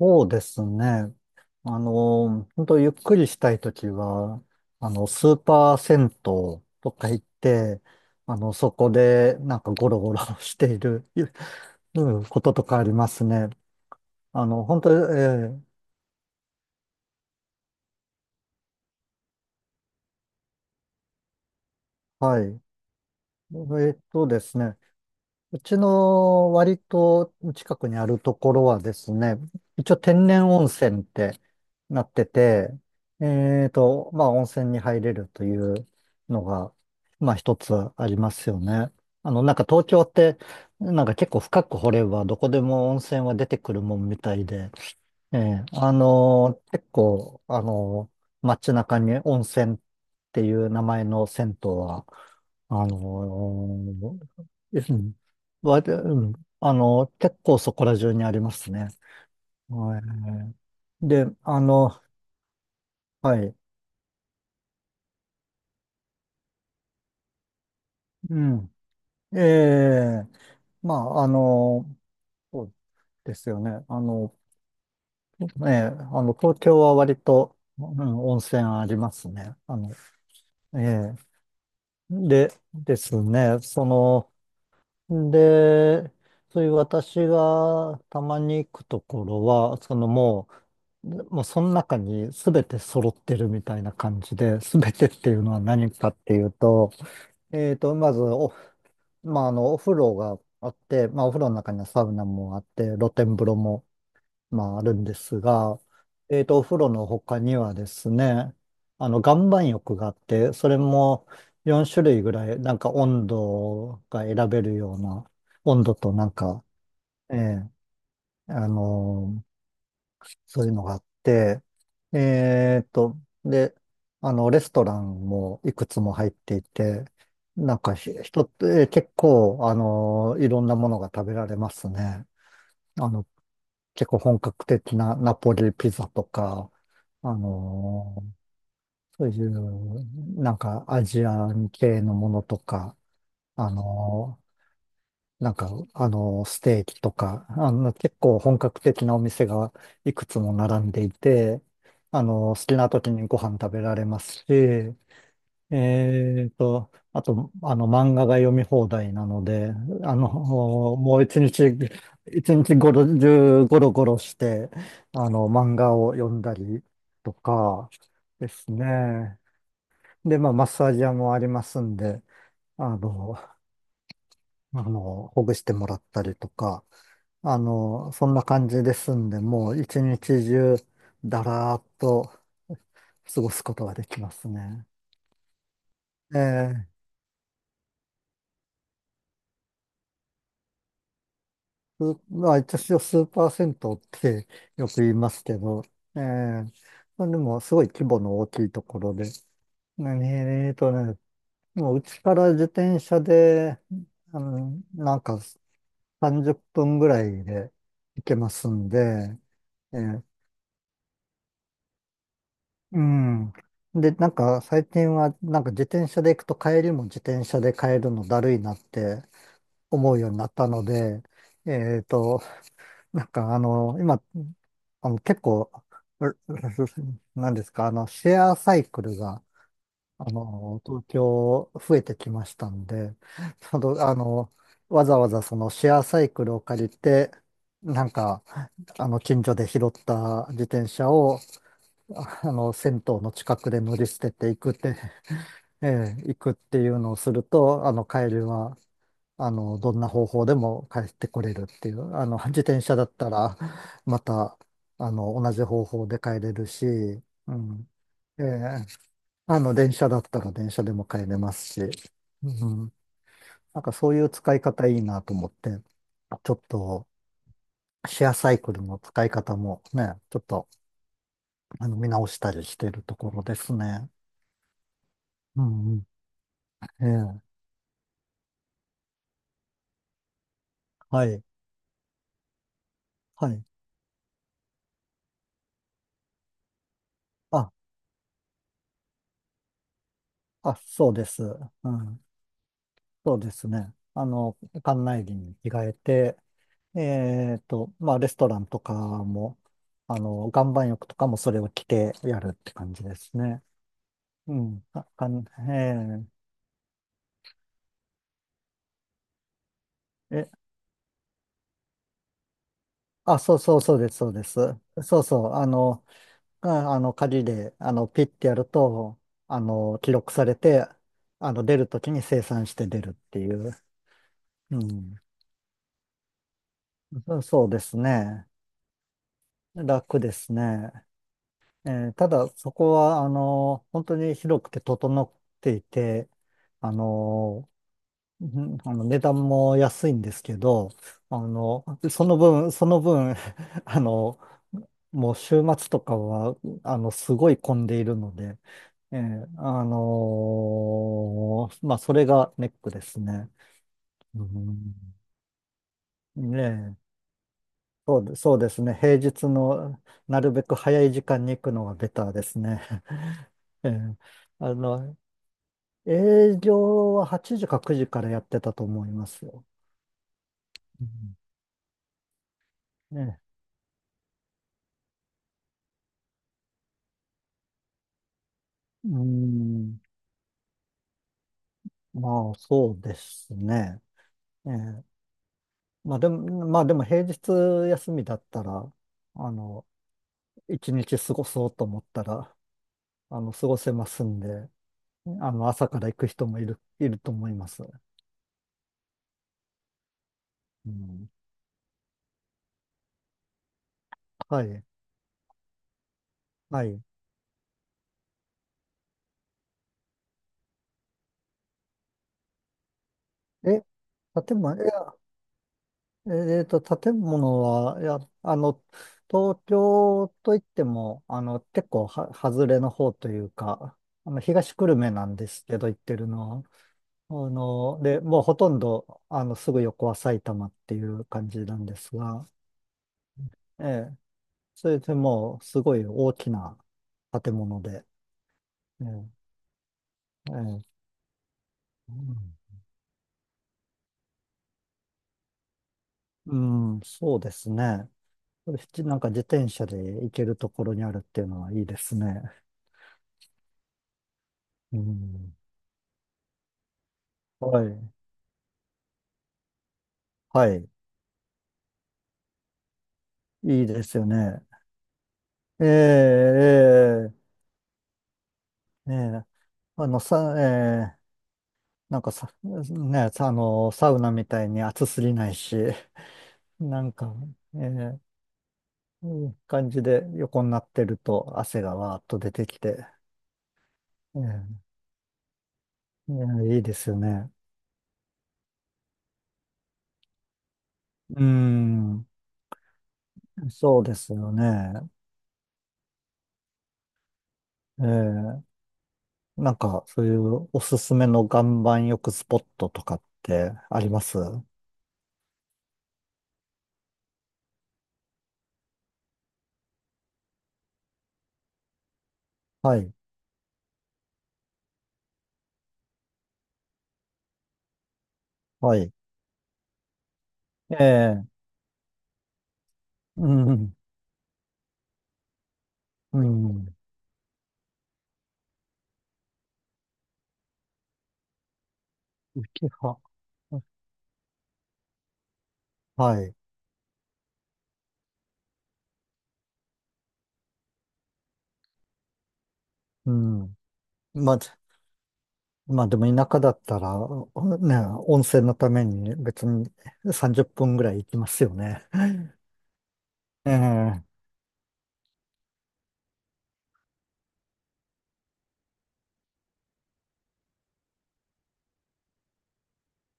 そうですね。本当ゆっくりしたいときは、スーパー銭湯とか行って、そこでなんかゴロゴロ している、うんこととかありますね。本当、はい。えですね。うちの割と近くにあるところはですね、一応天然温泉ってなってて、まあ温泉に入れるというのが、まあ一つありますよね。なんか東京って、なんか結構深く掘ればどこでも温泉は出てくるもんみたいで、結構、街中に温泉っていう名前の銭湯は、あのーうんわでうんあのー結構そこら中にありますね。はい。で、はい、うん。ええ、まあ、そうですよね。東京は割と、温泉ありますね。ええ、で、ですね、で、そういう私がたまに行くところは、もうその中に全て揃ってるみたいな感じで、全てっていうのは何かっていうと、まずまあ、お風呂があって、まあ、お風呂の中にはサウナもあって、露天風呂もまあ、あるんですが、お風呂の他にはですね、岩盤浴があって、それも4種類ぐらい、なんか温度が選べるような、温度となんか、ええあのーそういうのがあって、えーと、で、レストランもいくつも入っていて、なんか人って結構、いろんなものが食べられますね。あの、結構本格的なナポリピザとか、あのーそういう、なんかアジアン系のものとか、あのステーキとか、結構本格的なお店がいくつも並んでいて、好きな時にご飯食べられますし、あと、漫画が読み放題なので、あの、もう一日ごろ中ゴロゴロして、漫画を読んだりとかですね。で、まあ、マッサージ屋もありますんで、あの、ほぐしてもらったりとか、そんな感じですんで、もう一日中、だらーっと過ごすことができますね。えーすまあ、一応数パーセントってよく言いますけど、ええまあ、でもすごい規模の大きいところで、何えーとね、もううちから自転車で、なんか30分ぐらいで行けますんで、ええうん。で、なんか最近はなんか自転車で行くと帰りも自転車で帰るのだるいなって思うようになったので、えっと、なんか今、結構、う なんですか、シェアサイクルが、東京増えてきましたんで、ちょうどわざわざそのシェアサイクルを借りて、なんか、近所で拾った自転車を、銭湯の近くで乗り捨てていくって、行くっていうのをすると、帰りは、どんな方法でも帰ってこれるっていう、自転車だったら、また、同じ方法で帰れるし、うん。ええ電車だったら電車でも帰れますし、うん。なんかそういう使い方いいなと思って、ちょっと、シェアサイクルの使い方もね、ちょっと、見直したりしてるところですね。うんうん。ええはい。はい。あ、そうです。うん。そうですね。館内着に着替えて、まあ、レストランとかも、岩盤浴とかもそれを着てやるって感じですね。うん。あ、かん、えーえ、あ、そうそうそうです、そうです。そうそう、鍵で、ピッてやると、記録されて、出るときに生産して出るっていう。うん。そうそうですね。楽ですね。ただ、そこは、本当に広くて整っていて、あの、値段も安いんですけど、あの、その分、その分、あの、もう週末とかは、すごい混んでいるので、それがネックですね。うん、ねえ。そうですね。平日のなるべく早い時間に行くのがベターですね。ええあの、営業は8時か9時からやってたと思いますよ。うんね、うーん、まあそうですね。ええまあでも、まあでも平日休みだったら、あの、一日過ごそうと思ったら、過ごせますんで、朝から行く人もいると思います。うん、はい、はい。え、建物、建物は、いや、東京といっても、結構は、外れの方というか、東久留米なんですけど、行ってるのは。で、もうほとんど、すぐ横は埼玉っていう感じなんですが、ええ、それでもう、すごい大きな建物で、ええ、ええ、うん、うんそうですね。これなんか自転車で行けるところにあるっていうのはいいですね。うん、はい。はい。いいですよね。ええ、ええ、ええ。あの、さ、ええ、なんかさ、ね、さサウナみたいに暑すぎないし、なんか、ええ、いい感じで横になってると汗がわーっと出てきて、ええ、いやいいですよね。うん、そうですよね。ええ、なんか、そういうおすすめの岩盤浴スポットとかってあります？はい、はい。ええ、うん、うん、浮き葉。はい、うん。まあ、まあでも田舎だったら、ね、温泉のために別に30分ぐらい行きますよね。ええ、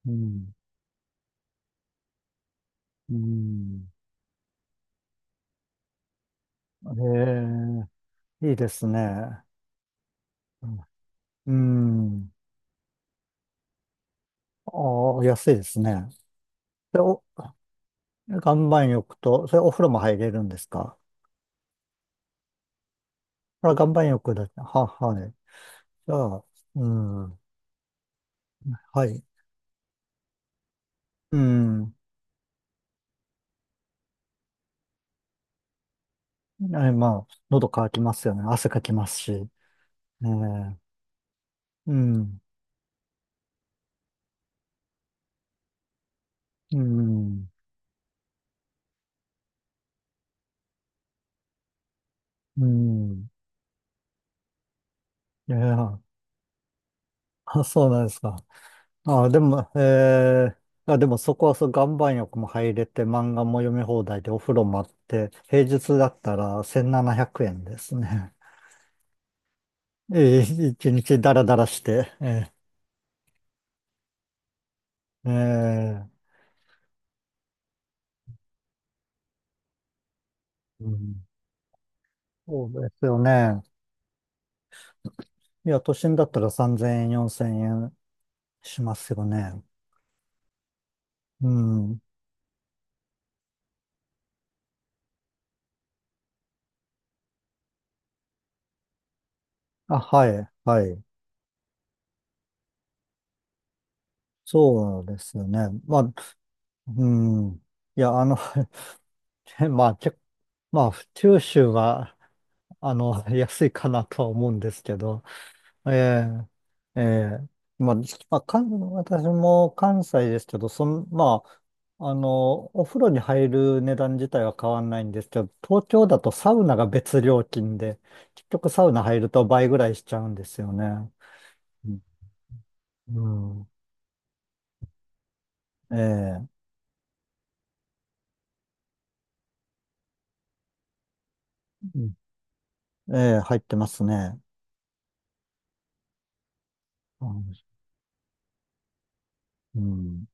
うん、うん。ええ、いいですね。うん。ああ、安いですね。で、岩盤浴と、それお風呂も入れるんですか？あ、岩盤浴だけ。はい。じゃあ、うん。はい。うん。まあ、喉乾きますよね。汗かきますし。えうん、うん、うん。いや、あ、そうなんですか。あ、でも、そこはそう、岩盤浴も入れて、漫画も読み放題で、お風呂もあって、平日だったら1700円ですね。一日ダラダラして。えええうん、そうですよね。いや、都心だったら3000円、4000円しますよね。うん。あ、はい、はい。そうですよね。まあ、うん。いや、まあ、まあ、九州は、安いかなとは思うんですけど、ええええまあ、まあ、私も関西ですけど、まあ、お風呂に入る値段自体は変わんないんですけど、東京だとサウナが別料金で、結局サウナ入ると倍ぐらいしちゃうんですよね。うん。うん、ええ、うん、ええ、入ってますね。うんうん。